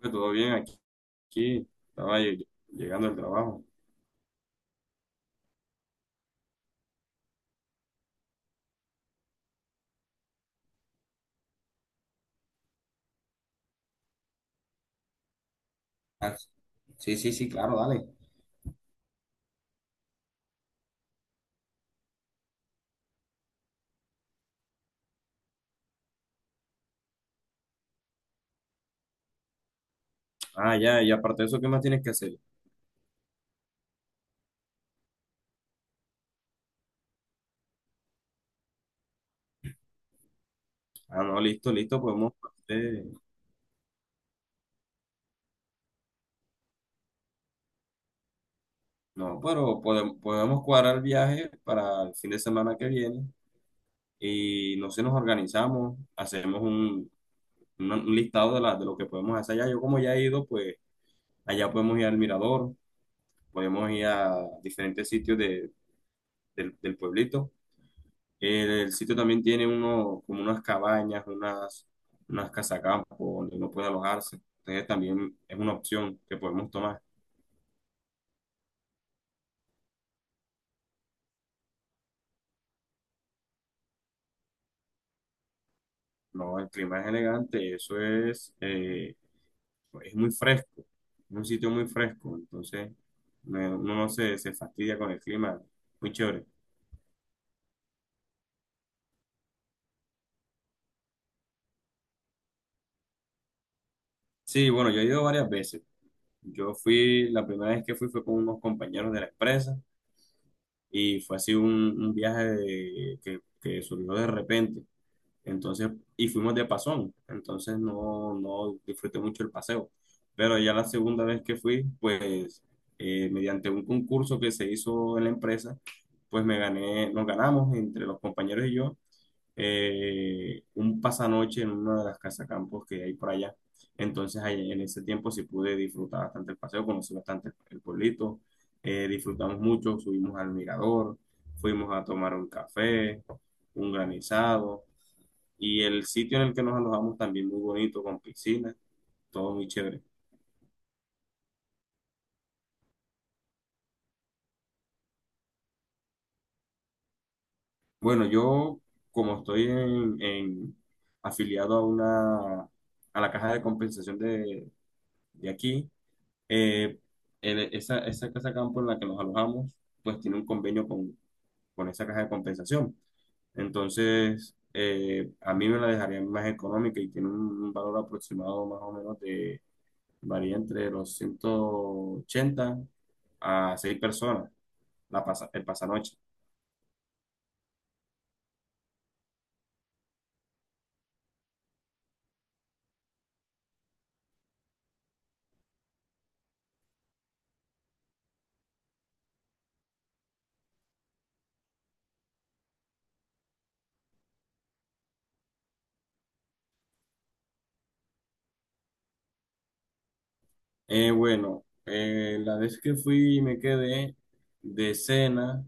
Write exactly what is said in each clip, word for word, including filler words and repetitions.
Hombre, todo bien aquí, estaba lle- llegando al trabajo. Ah, sí, sí, sí, claro, dale. Ah, ya, y aparte de eso, ¿qué más tienes que hacer? Ah, no, listo, listo, podemos. eh, no, pero podemos, podemos cuadrar el viaje para el fin de semana que viene y no sé, nos organizamos, hacemos un, un- un listado de, la, de lo que podemos hacer allá. Yo como ya he ido, pues allá podemos ir al mirador, podemos ir a diferentes sitios de- del del pueblito. Eh, el sitio también tiene uno, como unas cabañas, unas, unas casacampo donde uno puede alojarse. Entonces también es una opción que podemos tomar. No, el clima es elegante, eso es, eh, es muy fresco, es un sitio muy fresco, entonces me- uno no se, se fastidia con el clima, muy chévere. Sí, bueno, yo he ido varias veces. Yo fui, la primera vez que fui fue con unos compañeros de la empresa y fue así un, un viaje de- que, que surgió de repente. Entonces, y fuimos de pasón, entonces no, no disfruté mucho el paseo. Pero ya la segunda vez que fui, pues eh, mediante un concurso que se hizo en la empresa, pues me gané, nos ganamos entre los compañeros y yo eh, un pasanoche en una de las casacampos que hay por allá. Entonces, ahí en ese tiempo sí pude disfrutar bastante el paseo, conocí bastante el pueblito, eh, disfrutamos mucho, subimos al mirador, fuimos a tomar un café, un granizado y el sitio en el que nos alojamos también muy bonito, con piscina, todo muy chévere. Bueno, yo como estoy en, en- afiliado a una, a la caja de compensación de, de aquí, eh, en esa, esa casa campo en la que nos alojamos, pues tiene un convenio con, con esa caja de compensación. Entonces, eh, a mí me la dejarían más económica y tiene un, un valor aproximado más o menos de, varía entre los ciento ochenta a seis personas. la pasa, el pasanoche. Eh, bueno, eh, la vez que fui y me quedé de cena,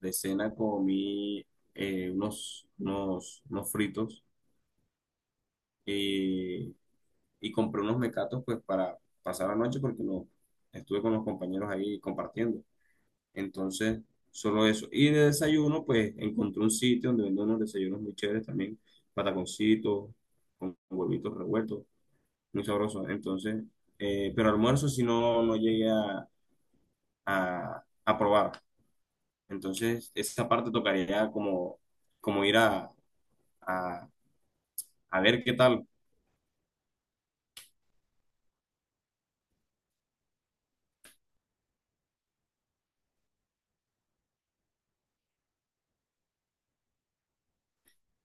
de cena comí eh, unos, unos, unos fritos, eh, y compré unos mecatos pues para pasar la noche porque no, estuve con los compañeros ahí compartiendo. Entonces, solo eso. Y de desayuno pues encontré un sitio donde venden unos desayunos muy chéveres también, pataconcitos, con huevitos revueltos muy sabroso. Entonces, eh, pero almuerzo si no, no llegué a, a, a probar. Entonces, esa parte tocaría como, como ir a, a, a ver qué tal.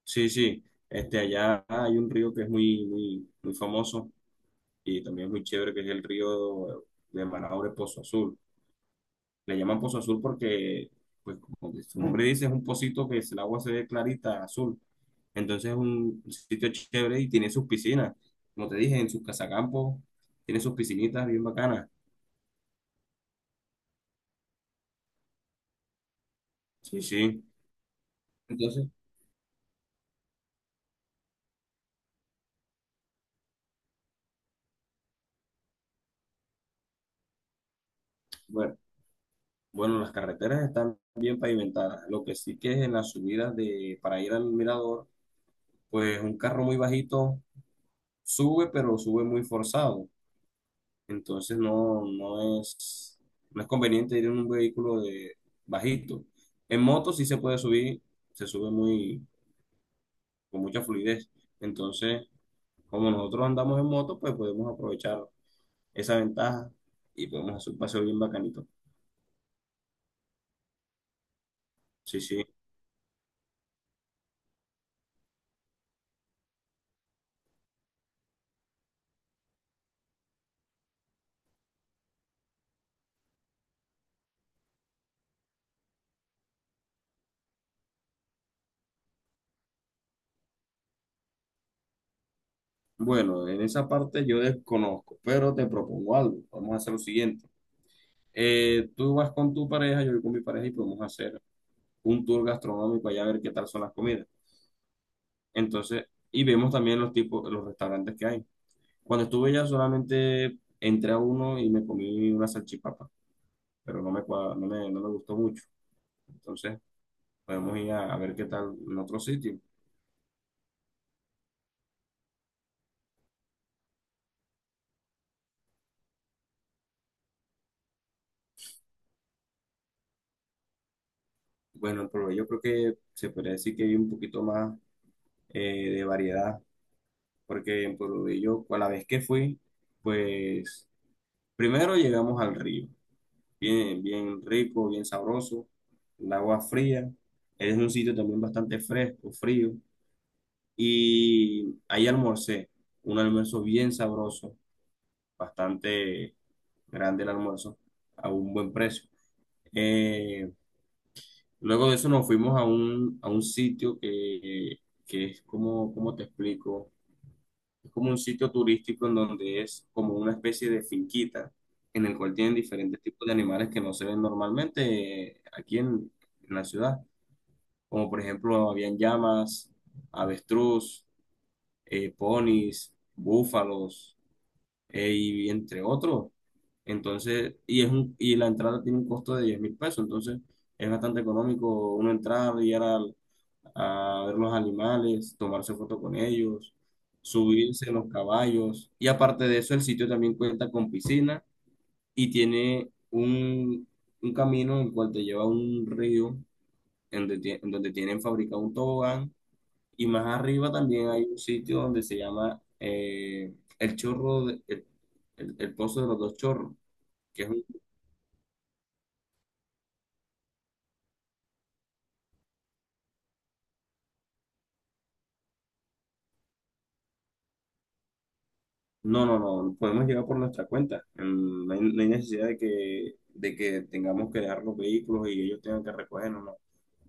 Sí, sí. Este, allá hay un río que es muy, muy, muy famoso y también es muy chévere, que es el río de Manaure Pozo Azul. Le llaman pozo azul porque, pues como que su nombre dice, es un pocito que es- el agua se ve clarita, azul. Entonces es un sitio chévere y tiene sus piscinas. Como te dije, en sus casacampos, tiene sus piscinitas bien bacanas. Sí, sí. Entonces, bueno, bueno, las carreteras están bien pavimentadas. Lo que sí que es en las subidas de, para ir al mirador, pues un carro muy bajito sube, pero sube muy forzado. Entonces no, no es, no es conveniente ir en un vehículo de bajito. En moto sí se puede subir, se sube muy, con mucha fluidez. Entonces, como nosotros andamos en moto, pues podemos aprovechar esa ventaja y podemos hacer un paseo bien bacanito. Sí, sí. Bueno, en esa parte yo desconozco, pero te propongo algo. Vamos a hacer lo siguiente. Eh, tú vas con tu pareja, yo voy con mi pareja y podemos hacer un tour gastronómico allá a ver qué tal son las comidas. Entonces, y vemos también los tipos, los restaurantes que hay. Cuando estuve ya solamente entré a uno y me comí una salchipapa, pero no me, cua- no me, no me gustó mucho. Entonces, podemos ir a, a ver qué tal en otro sitio. Bueno, en Pueblo creo que se podría decir que hay un poquito más eh, de variedad, porque en Pueblo Bello, a la vez que fui, pues primero llegamos al río, bien, bien rico, bien sabroso, el agua fría, es un sitio también bastante fresco, frío. Y ahí almorcé, un almuerzo bien sabroso, bastante grande el almuerzo, a un buen precio. Eh, luego de eso nos fuimos a un, a un sitio que, que es como, ¿cómo te explico? Es como un sitio turístico en donde es como una especie de finquita en el cual tienen diferentes tipos de animales que no se ven normalmente eh, aquí en, en la ciudad. Como por ejemplo, habían llamas, avestruz, eh, ponis, búfalos, eh, y entre otros. Entonces, y, es un, y la entrada tiene un costo de diez mil pesos, entonces es bastante económico uno entrar, y ir al- a ver los animales, tomarse foto con ellos, subirse en los caballos. Y aparte de eso, el sitio también cuenta con piscina y tiene un, un camino en el cual te lleva a un río en donde, tie- en donde tienen fabricado un tobogán y más arriba también hay un sitio donde se llama eh, el chorro, de- el, el- el pozo de los dos chorros, que es un- no, no, no, podemos llegar por nuestra cuenta. Mm, No hay, no hay necesidad de que, de que tengamos que dejar los vehículos y ellos tengan que recogernos, no.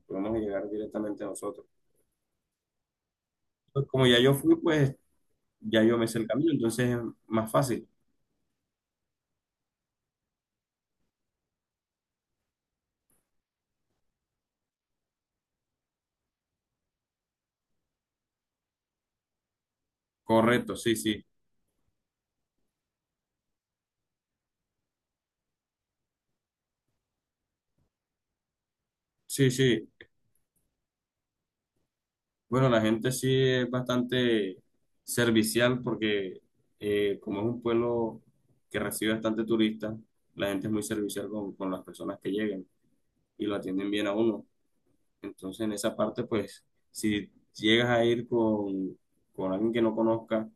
Podemos llegar directamente nosotros. Pues como ya yo fui, pues ya yo me sé el camino, entonces es más fácil. Correcto, sí, sí. Sí, sí. Bueno, la gente sí es bastante servicial porque, eh, como es un pueblo que recibe bastante turistas, la gente es muy servicial con, con las personas que lleguen y lo atienden bien a uno. Entonces, en esa parte, pues, si llegas a ir con, con alguien que no conozca,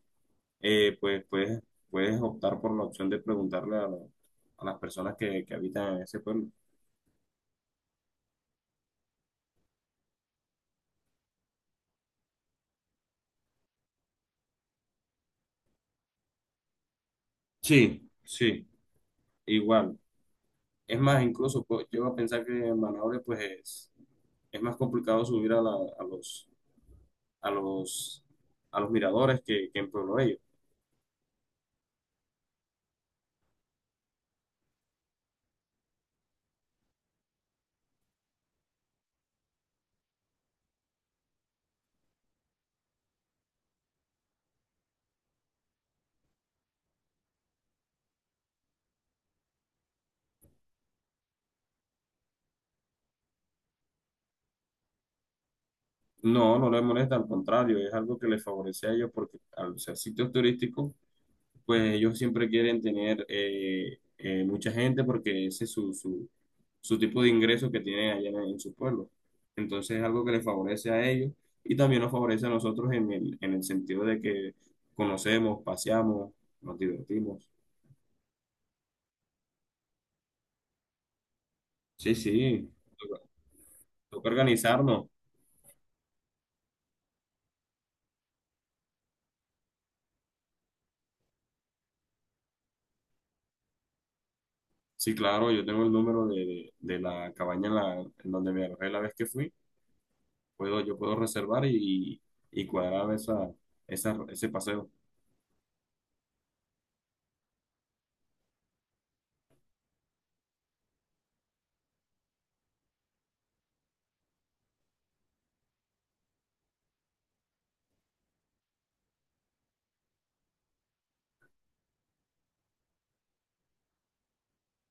eh, pues puedes, puedes optar por la opción de preguntarle a, la- a las personas que, que habitan en ese pueblo. Sí, sí, igual. Es más, incluso pues, llego a pensar que Manaure, pues es más complicado subir a, la- a los, a los, a los miradores que, que en Pueblo Bello. No, no les molesta, al contrario, es algo que les favorece a ellos porque al ser sitios turísticos, pues ellos siempre quieren tener eh, eh, mucha gente porque ese es su, su, su tipo de ingreso que tienen allá en, en su pueblo. Entonces es algo que les favorece a ellos y también nos favorece a nosotros en el, en el sentido de que conocemos, paseamos, nos divertimos. Sí, sí, toca toca organizarnos. Sí, claro, yo tengo el número de, de la cabaña, en, la, en donde me alojé la vez que fui. Puedo, yo puedo reservar y, y cuadrar esa, esa, ese paseo.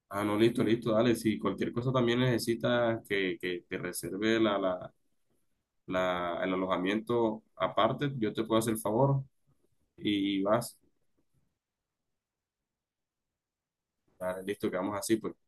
Ah, no, listo, listo, dale. Si cualquier cosa también necesitas que, que te reserve la, la, la- el alojamiento aparte, yo te puedo hacer el favor y vas. Dale, listo, quedamos así, pues.